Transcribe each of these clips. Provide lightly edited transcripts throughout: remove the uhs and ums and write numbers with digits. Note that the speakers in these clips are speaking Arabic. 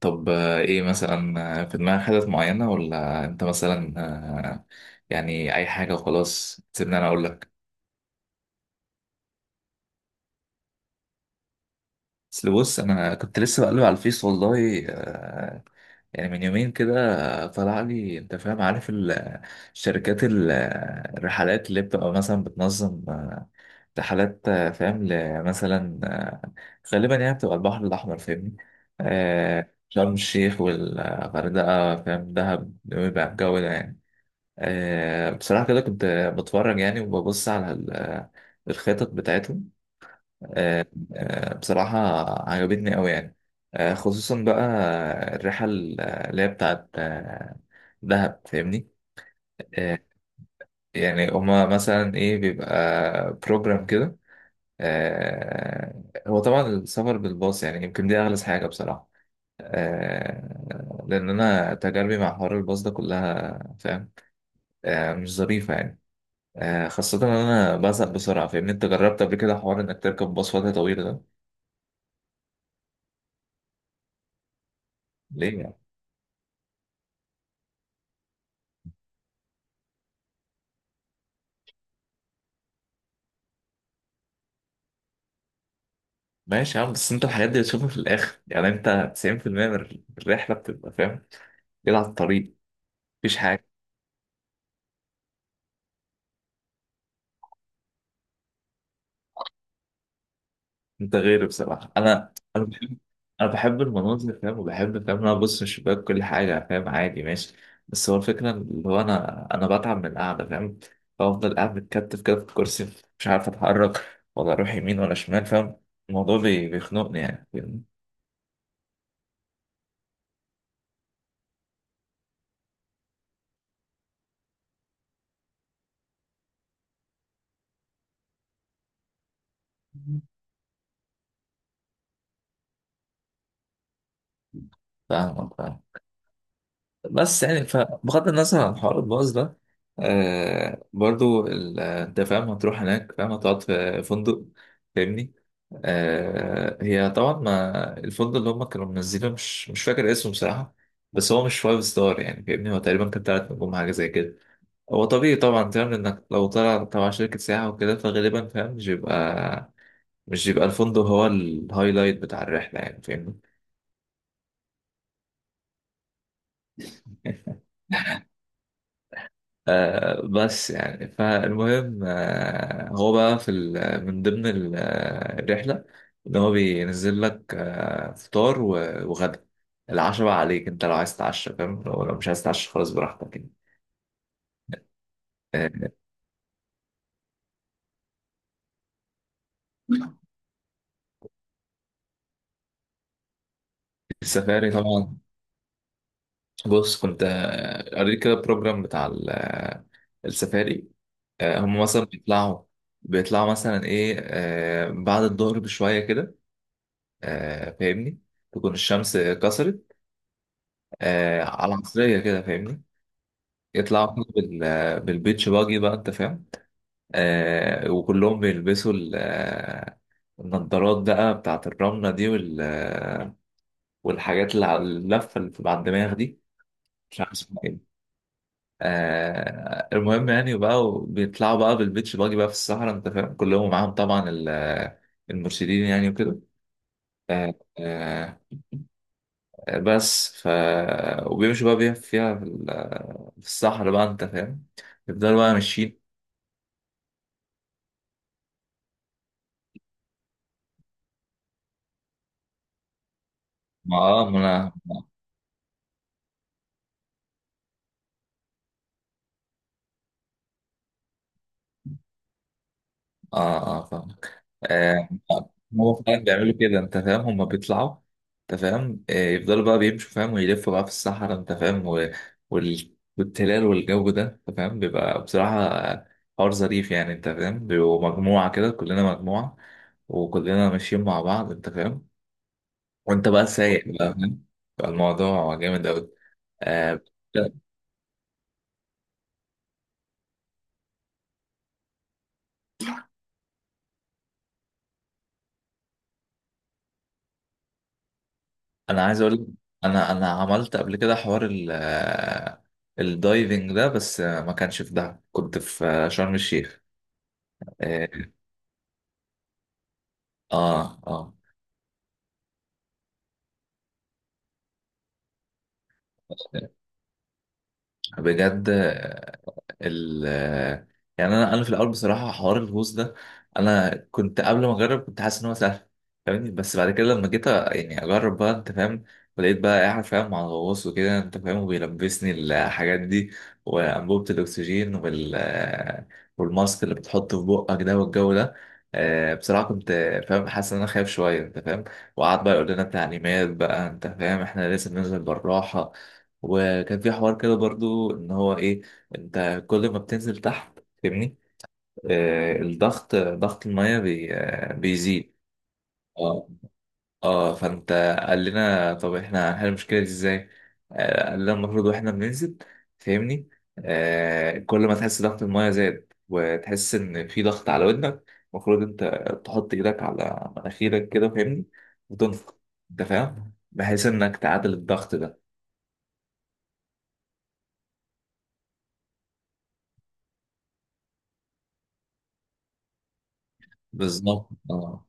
طب، ايه مثلا، في دماغك حتت معينة ولا انت مثلا؟ آه، يعني اي حاجة وخلاص، سيبني انا اقول لك. اصل بص، انا كنت لسه بقلب على الفيس والله. يعني من يومين كده. طلع لي، انت فاهم، عارف شركات الرحلات اللي بتبقى مثلا بتنظم رحلات، فاهم، مثلا غالبا يعني بتبقى البحر الاحمر، فاهمني؟ شرم الشيخ والغردقة، فاهم، دهب، بيبقى الجو ده يعني. بصراحة كده كنت بتفرج يعني وببص على الخطط بتاعتهم. آه، بصراحة عجبتني أوي يعني. خصوصا بقى الرحلة اللي هي بتاعت دهب، فاهمني. آه، يعني هما مثلا إيه بيبقى بروجرام كده. هو طبعا السفر بالباص، يعني يمكن دي أغلى حاجة بصراحة. لأن أنا تجاربي مع حوار الباص ده كلها، فاهم، مش ظريفة يعني. خاصة إن أنا بزهق بسرعة، فاهمني؟ أنت جربت قبل كده حوار إنك تركب باص وقت طويل ده؟ ليه يعني؟ ماشي يا عم، بس أنت الحاجات دي بتشوفها في الآخر يعني. أنت 90% من الرحلة بتبقى، فاهم، كده على الطريق، مفيش حاجة. أنت غيري بصراحة. أنا بحب المناظر، فاهم، وبحب، فاهم، إن أنا أبص من الشباك كل حاجة، فاهم. عادي ماشي. بس هو الفكرة اللي هو أنا بتعب من القعدة، فاهم. بفضل قاعد متكتف كده في الكرسي، مش عارف أتحرك ولا أروح يمين ولا شمال، فاهم. الموضوع بيخنقني يعني، فاهمني؟ فاهمك، فاهم. بس يعني فبغض النظر عن حوار الباص ده، برضو انت فاهم هتروح هناك، فاهم، هتقعد في فندق، فاهمني. هي طبعا، ما الفندق اللي هم كانوا منزلينه مش فاكر اسمه بصراحة. بس هو مش فايف ستار، يعني فاهمني، هو تقريبا كان تلات نجوم حاجة زي كده. هو طبيعي طبعا، فاهم، انك لو طلع تبع شركة سياحة وكده، فغالبا، فاهم، مش بيبقى الفندق هو الهايلايت بتاع الرحلة يعني، فاهمني. بس يعني فالمهم، هو بقى في من ضمن الرحلة، إن هو بينزل لك فطار و وغدا العشاء بقى عليك أنت، لو عايز تتعشى، فاهم، لو مش عايز تتعشى خلاص براحتك يعني. آه، السفاري طبعا. بص كنت، قريت كده البروجرام بتاع السفاري. هم مثلا بيطلعوا مثلا ايه بعد الظهر بشوية كده، فاهمني. تكون الشمس كسرت على عصرية كده، فاهمني. يطلعوا كده بالبيتش باجي بقى، انت فاهم. وكلهم بيلبسوا النضارات بقى بتاعت الرملة دي وال آه، والحاجات اللي على اللفة اللي بتبقى على الدماغ دي، مش عارف اسمها ايه. المهم يعني بقى، بيطلعوا بقى بالبيتش باجي بقى في الصحراء، انت فاهم، كلهم معاهم طبعا المرشدين يعني وكده. آه آه، بس ف وبيمشوا بقى في الصحراء بقى، انت فاهم، يفضلوا بقى ماشيين. ما انا. اه، اه، فاهم. آه هو فعلا بيعملوا كده، انت فاهم، هما بيطلعوا، انت فاهم. يفضلوا بقى بيمشوا، فاهم، ويلفوا بقى في الصحراء، انت فاهم، و... وال... والتلال والجو ده، انت فاهم، بيبقى بصراحة حوار ظريف يعني، انت فاهم، بيبقوا مجموعة كده، كلنا مجموعة وكلنا ماشيين مع بعض، انت فاهم. وانت بقى سايق بقى، فاهم، بقى الموضوع جامد قوي. آه انا عايز اقول لك، انا عملت قبل كده حوار ال آه، الدايفنج ده، بس ما كانش في دهب، كنت في شرم الشيخ. اه، اه، آه. بجد. ال يعني انا في الاول بصراحه حوار الهوست ده، انا كنت قبل ما اجرب كنت حاسس ان هو سهل، فاهمني. بس بعد كده لما جيت، يعني اجرب بقى، انت فاهم، ولقيت بقى قاعد، فاهم، مع الغواص وكده، انت فاهم، وبيلبسني الحاجات دي وانبوبه الاكسجين والماسك اللي بتحطه في بقك ده والجو ده. بصراحه كنت، فاهم، حاسس ان انا خايف شويه، انت فاهم. وقعد بقى يقول لنا تعليمات بقى، انت فاهم، احنا لازم ننزل بالراحه. وكان في حوار كده برضو ان هو ايه، انت كل ما بتنزل تحت، فاهمني، الضغط، ضغط المية بي آه بيزيد. اه، اه، فانت قال لنا طب احنا هنحل المشكلة دي ازاي. قال لنا المفروض واحنا بننزل، فاهمني، كل ما تحس ضغط المية زاد وتحس ان في ضغط على ودنك، المفروض انت تحط ايدك على مناخيرك كده، فاهمني، وتنفخ، انت فاهم، بحيث انك تعادل الضغط ده. بالظبط. اه،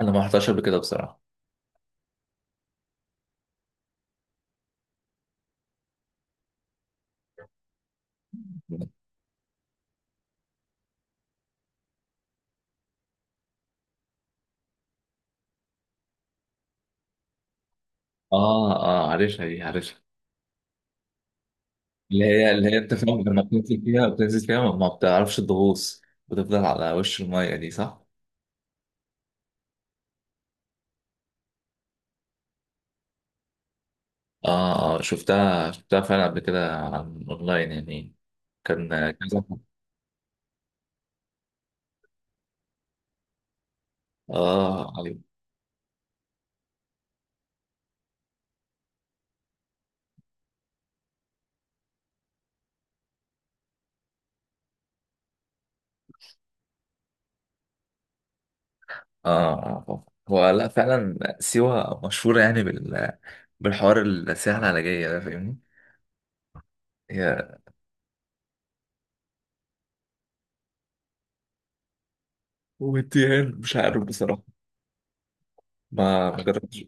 انا ما رحتهاش قبل كده بصراحة. اه، اه، عارفها دي، عارفها. اللي هي انت فاهم، لما بتنزل فيها، بتنزل فيها ما بتعرفش تغوص، بتفضل على وش المية دي، صح؟ اه، اه، شفتها فعلا قبل كده عن اونلاين يعني. كان كذا. اه، ايوه، اه. هو لا، فعلا سيوة مشهورة يعني بالحوار، السياحة العلاجية ده، فاهمني؟ هي والتيهان، مش عارف بصراحة، ما جربتش.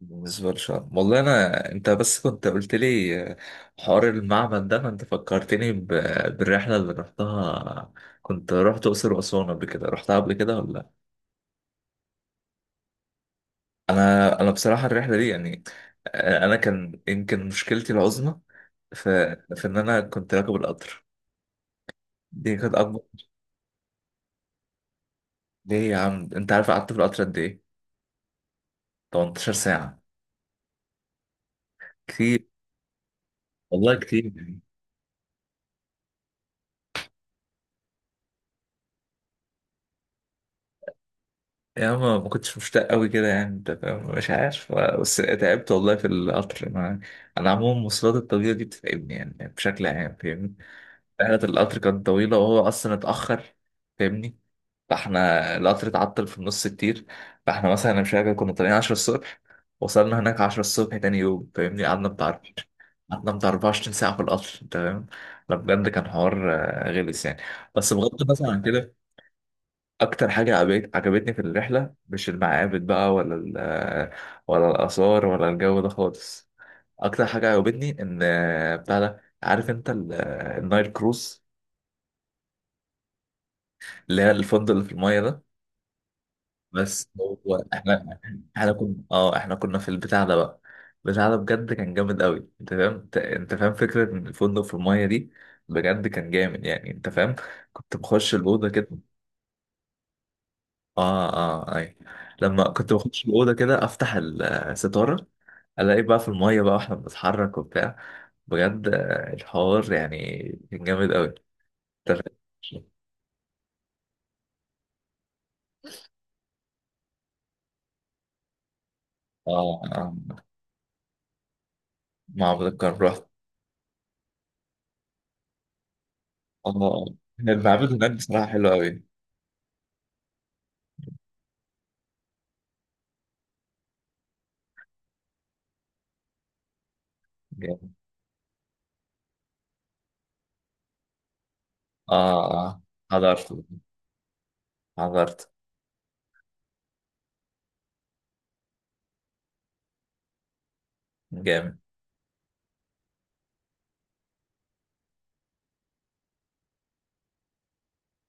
بالنسبة للشعر والله أنا، أنت بس كنت قلت لي حوار المعبد ده، فأنت فكرتني بالرحلة اللي رحتها. كنت رحت أقصر وأسوان قبل كده، رحتها قبل كده ولا لأ؟ أنا بصراحة الرحلة دي يعني، أنا كان يمكن مشكلتي العظمى في إن أنا كنت راكب القطر. دي كانت أكبر. ليه يا عم، أنت عارف قعدت في القطر قد إيه؟ 18 ساعة. كتير، والله كتير. يا، ما كنتش مشتاق قوي كده يعني، انت فاهم؟ مش عارف، بس تعبت والله في القطر. ما انا عموما المواصلات الطويله دي بتتعبني يعني بشكل عام، فاهمني. رحله القطر كانت طويله وهو اصلا اتاخر، فاهمني. فاحنا القطر اتعطل في النص كتير. فاحنا مثلا انا مش فاكر، كنا طالعين 10 الصبح، وصلنا هناك 10 الصبح تاني يوم، فاهمني، قعدنا بتاع 24 ساعه في القطر، انت فاهم. لا بجد، كان حوار غلس يعني. بس بغض النظر عن كده، اكتر حاجه عجبتني في الرحله، مش المعابد بقى ولا الاثار ولا الجو ده خالص. اكتر حاجه عجبتني ان بتاع ده، عارف انت النايل كروز، اللي هي الفندق اللي في المايه ده. بس هو احنا، احنا كنا اه احنا كنا في البتاع ده بقى. البتاع ده بجد كان جامد قوي، انت فاهم، أنت فاهم فكره ان الفندق في المايه دي، بجد كان جامد يعني، انت فاهم. كنت بخش الاوضه كده. اه، اه، اي. لما كنت بخش الاوضه كده، افتح الستاره، الاقي بقى في الميه بقى واحنا بنتحرك وبتاع. بجد الحوار يعني كان جامد قوي. اه، معبد الكرم رحت. اه، المعبد هناك بصراحه حلو قوي. جامد. اه، اه، حضرت حضرت. جامد.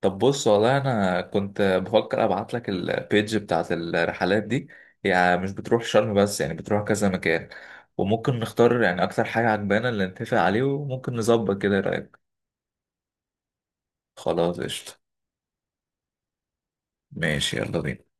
طب بص والله، انا كنت بفكر ابعت لك البيج بتاعت الرحلات دي، يعني مش بتروح شرم بس، يعني بتروح كذا مكان، وممكن نختار يعني اكتر حاجة عجبانا اللي نتفق عليه، وممكن نظبط كده، إيه رأيك؟ خلاص قشطة. ماشي، يلا بينا.